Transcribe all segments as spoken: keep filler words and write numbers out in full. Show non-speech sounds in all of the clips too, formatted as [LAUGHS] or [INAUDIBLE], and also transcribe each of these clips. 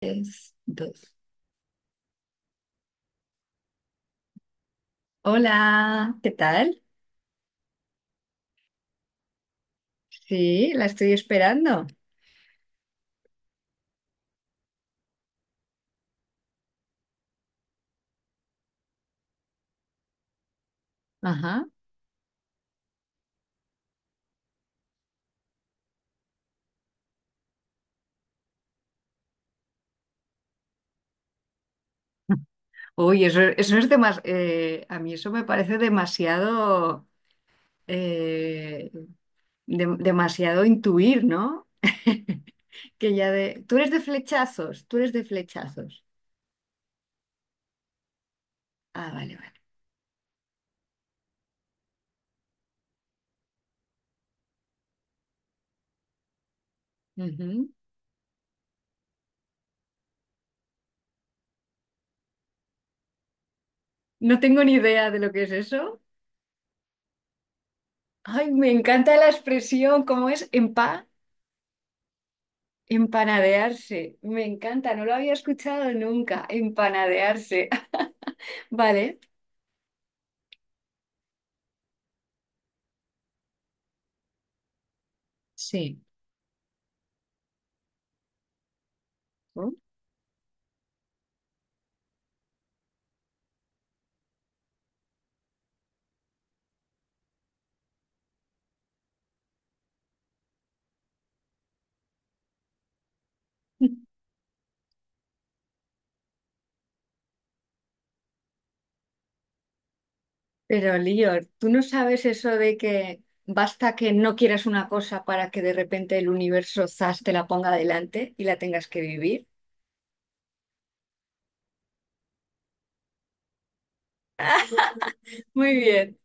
Tres, dos. Hola, ¿qué tal? Sí, la estoy esperando. Ajá. [LAUGHS] Uy, eso, eso es demasiado. A mí eso me parece demasiado, eh, de- demasiado intuir, ¿no? [LAUGHS] Que ya de. Tú eres de flechazos, tú eres de flechazos. Ah, vale, vale. Ujú. No tengo ni idea de lo que es eso. Ay, me encanta la expresión, ¿cómo es? Empa, empanadearse. Me encanta, no lo había escuchado nunca, empanadearse. [LAUGHS] Vale. Sí. ¿No? [LAUGHS] Pero Lío, tú no sabes eso de que basta que no quieras una cosa para que de repente el universo zas te la ponga delante y la tengas que vivir. Muy bien.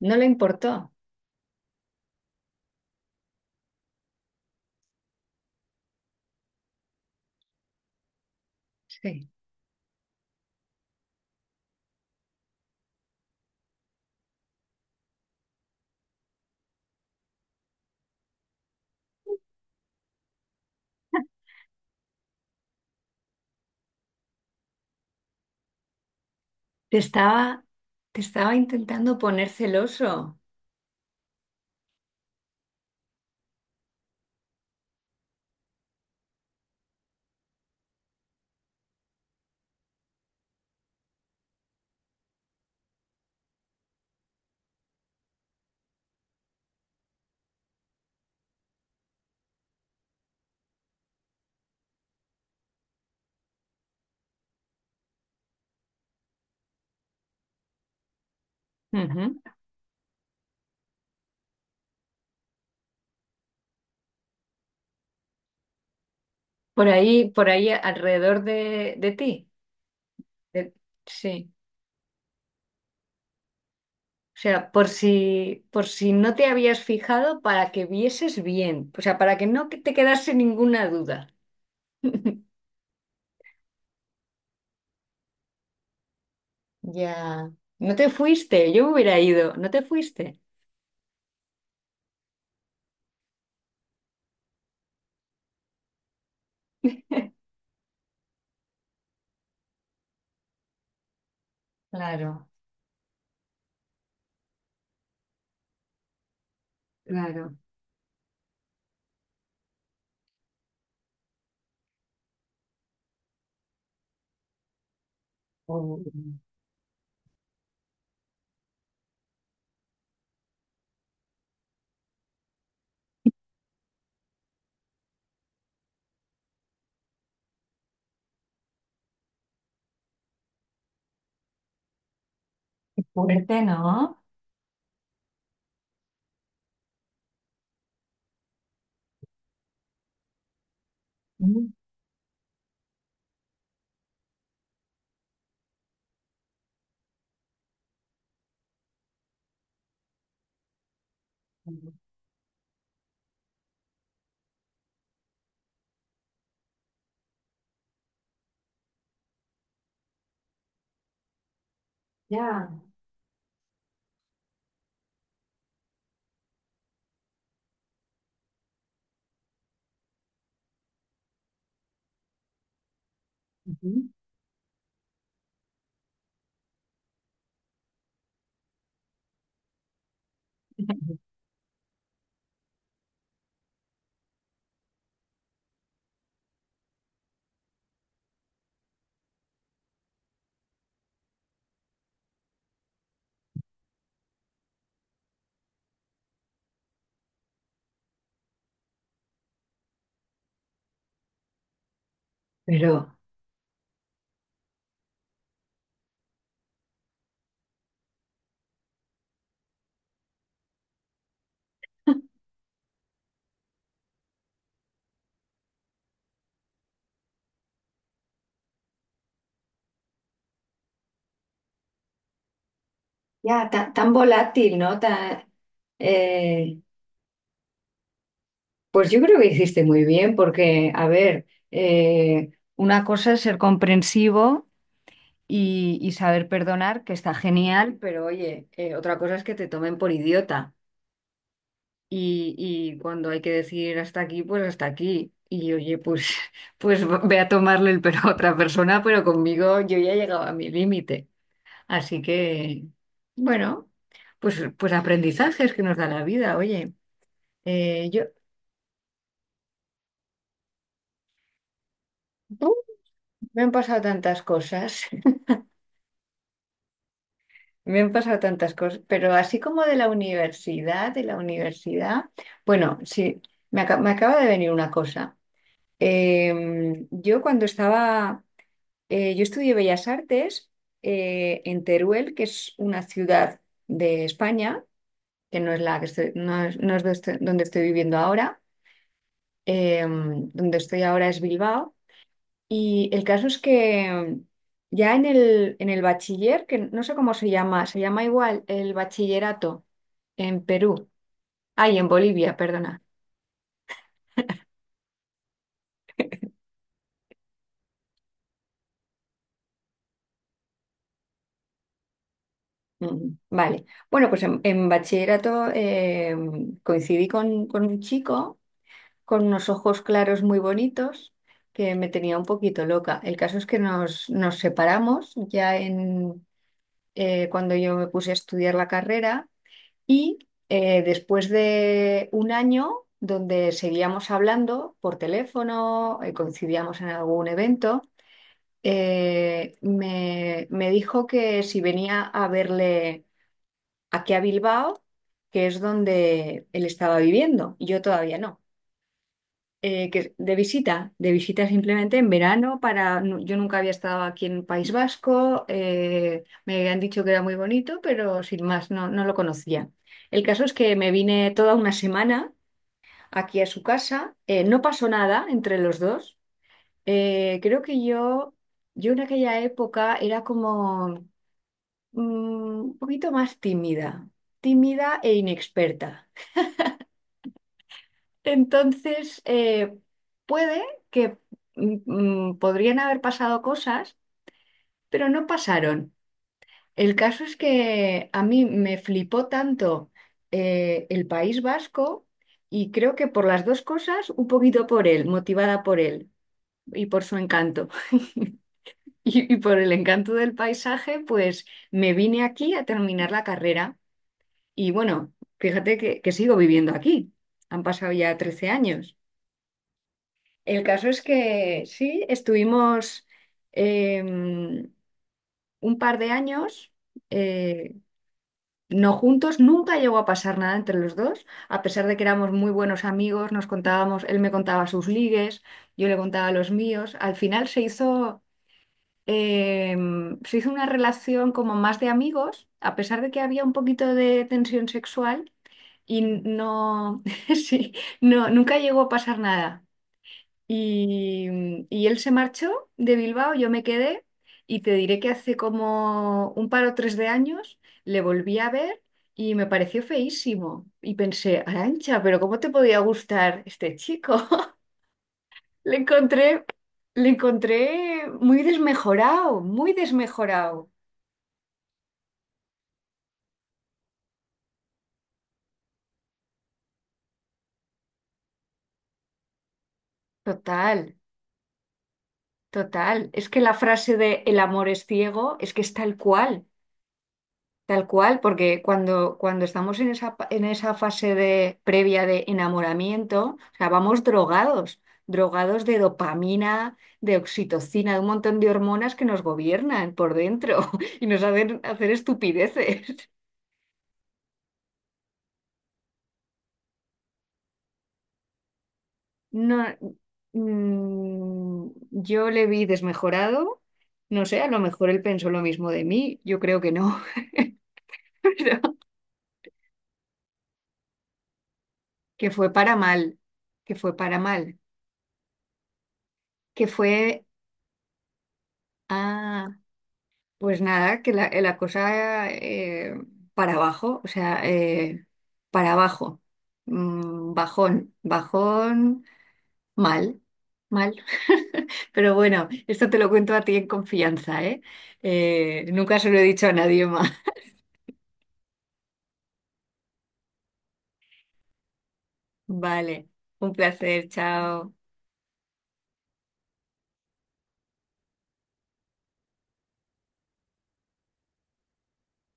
No le importó. Sí. Te estaba, te estaba intentando poner celoso. Ujú. Por ahí, por ahí alrededor de, de ti. De- sí. O sea, por si, por si no te habías fijado, para que vieses bien. O sea, para que no te quedase ninguna duda. [LAUGHS] Ya. No te fuiste, yo me hubiera ido. No te fuiste. [LAUGHS] Claro. Claro. Oh, qué fuerte, ¿no? Mm. Ya. Ujú. [LAUGHS] Pero ya, ta- tan, volátil, ¿no? Tan, eh, pues yo creo que hiciste muy bien, porque, a ver, eh, una cosa es ser comprensivo y, y saber perdonar, que está genial, pero oye, eh, otra cosa es que te tomen por idiota. Y, y cuando hay que decir hasta aquí, pues hasta aquí. Y oye, pues, [LAUGHS] pues ve a tomarle el pelo a [LAUGHS] otra persona, pero conmigo yo ya he llegado a mi límite. Así que, bueno, pues, pues aprendizajes que nos da la vida, oye. Eh, yo, ¡uh! Me han pasado tantas cosas, [LAUGHS] me han pasado tantas cosas, pero así como de la universidad, de la universidad, bueno, sí, me, aca- me acaba de venir una cosa. Em, yo cuando estaba. Eh, yo estudié Bellas Artes eh, en Teruel, que es una ciudad de España, que no es la que estoy- no es, no es do- estoy- donde estoy viviendo ahora. Eh, donde estoy ahora es Bilbao. Y el caso es que ya en el, en el bachiller, que no sé cómo se llama, se llama igual el bachillerato en Perú. Ay, en Bolivia, perdona. Mm, vale. Bueno, pues en, en bachillerato eh, coincidí con, con un chico, con unos ojos claros muy bonitos, que me tenía un poquito loca. El caso es que nos, nos separamos ya en, eh, cuando yo me puse a estudiar la carrera y eh, después de un año donde seguíamos hablando por teléfono, eh, coincidíamos en algún evento, eh, me, me dijo que si venía a verle aquí a Bilbao, que es donde él estaba viviendo, y yo todavía no. Eh, que de visita, de visita simplemente en verano para, nu- yo nunca había estado aquí en País Vasco, eh, me han dicho que era muy bonito, pero sin más, no, no lo conocía. El caso es que me vine toda una semana aquí a su casa, eh, no pasó nada entre los dos. Eh, creo que yo, yo en aquella época era como mm, un poquito más tímida, tímida e inexperta. Entonces, eh, puede que mm, mm, podrían haber pasado cosas, pero no pasaron. El caso es que a mí me flipó tanto eh, el País Vasco, y creo que por las dos cosas, un poquito por él, motivada por él y por su encanto. [LAUGHS] Y, y por el encanto del paisaje, pues me vine aquí a terminar la carrera. Y bueno, fíjate que, que sigo viviendo aquí. Han pasado ya trece años. El caso es que sí, estuvimos eh, un par de años, eh, no juntos, nunca llegó a pasar nada entre los dos, a pesar de que éramos muy buenos amigos, nos contábamos, él me contaba sus ligues, yo le contaba los míos. Al final se hizo, eh, se hizo una relación como más de amigos, a pesar de que había un poquito de tensión sexual y no, [LAUGHS] sí, no, nunca llegó a pasar nada. Y, mm, y él se marchó de Bilbao, yo me quedé y te diré que hace como un par o tres de años le volví a ver y me pareció feísimo. Y pensé, Arancha, pero ¿cómo te podía gustar este chico? [LAUGHS] Le encontré, le encontré muy desmejorado, muy desmejorado. Total, total. Es que la frase de el amor es ciego es que es tal cual. Tal cual, porque cuando, cuando estamos en esa, pa- en esa fase de, previa de enamoramiento, o sea, vamos drogados, drogados de dopamina, de oxitocina, de un montón de hormonas que nos gobiernan por dentro [LAUGHS] y nos hacen hacer estupideces. [LAUGHS] No, mm, yo le vi desmejorado, no sé, a lo mejor él pensó lo mismo de mí, yo creo que no, [LAUGHS] pero que fue para mal, que fue para mal, que fue... Ah. Pues nada, que la, la cosa eh, para abajo, o sea, eh, para abajo. Mm, bajón, bajón, mal, mal. [LAUGHS] Pero bueno, esto te lo cuento a ti en confianza, ¿eh? Eh, nunca se lo he dicho a nadie más. [LAUGHS] Vale, un placer, chao.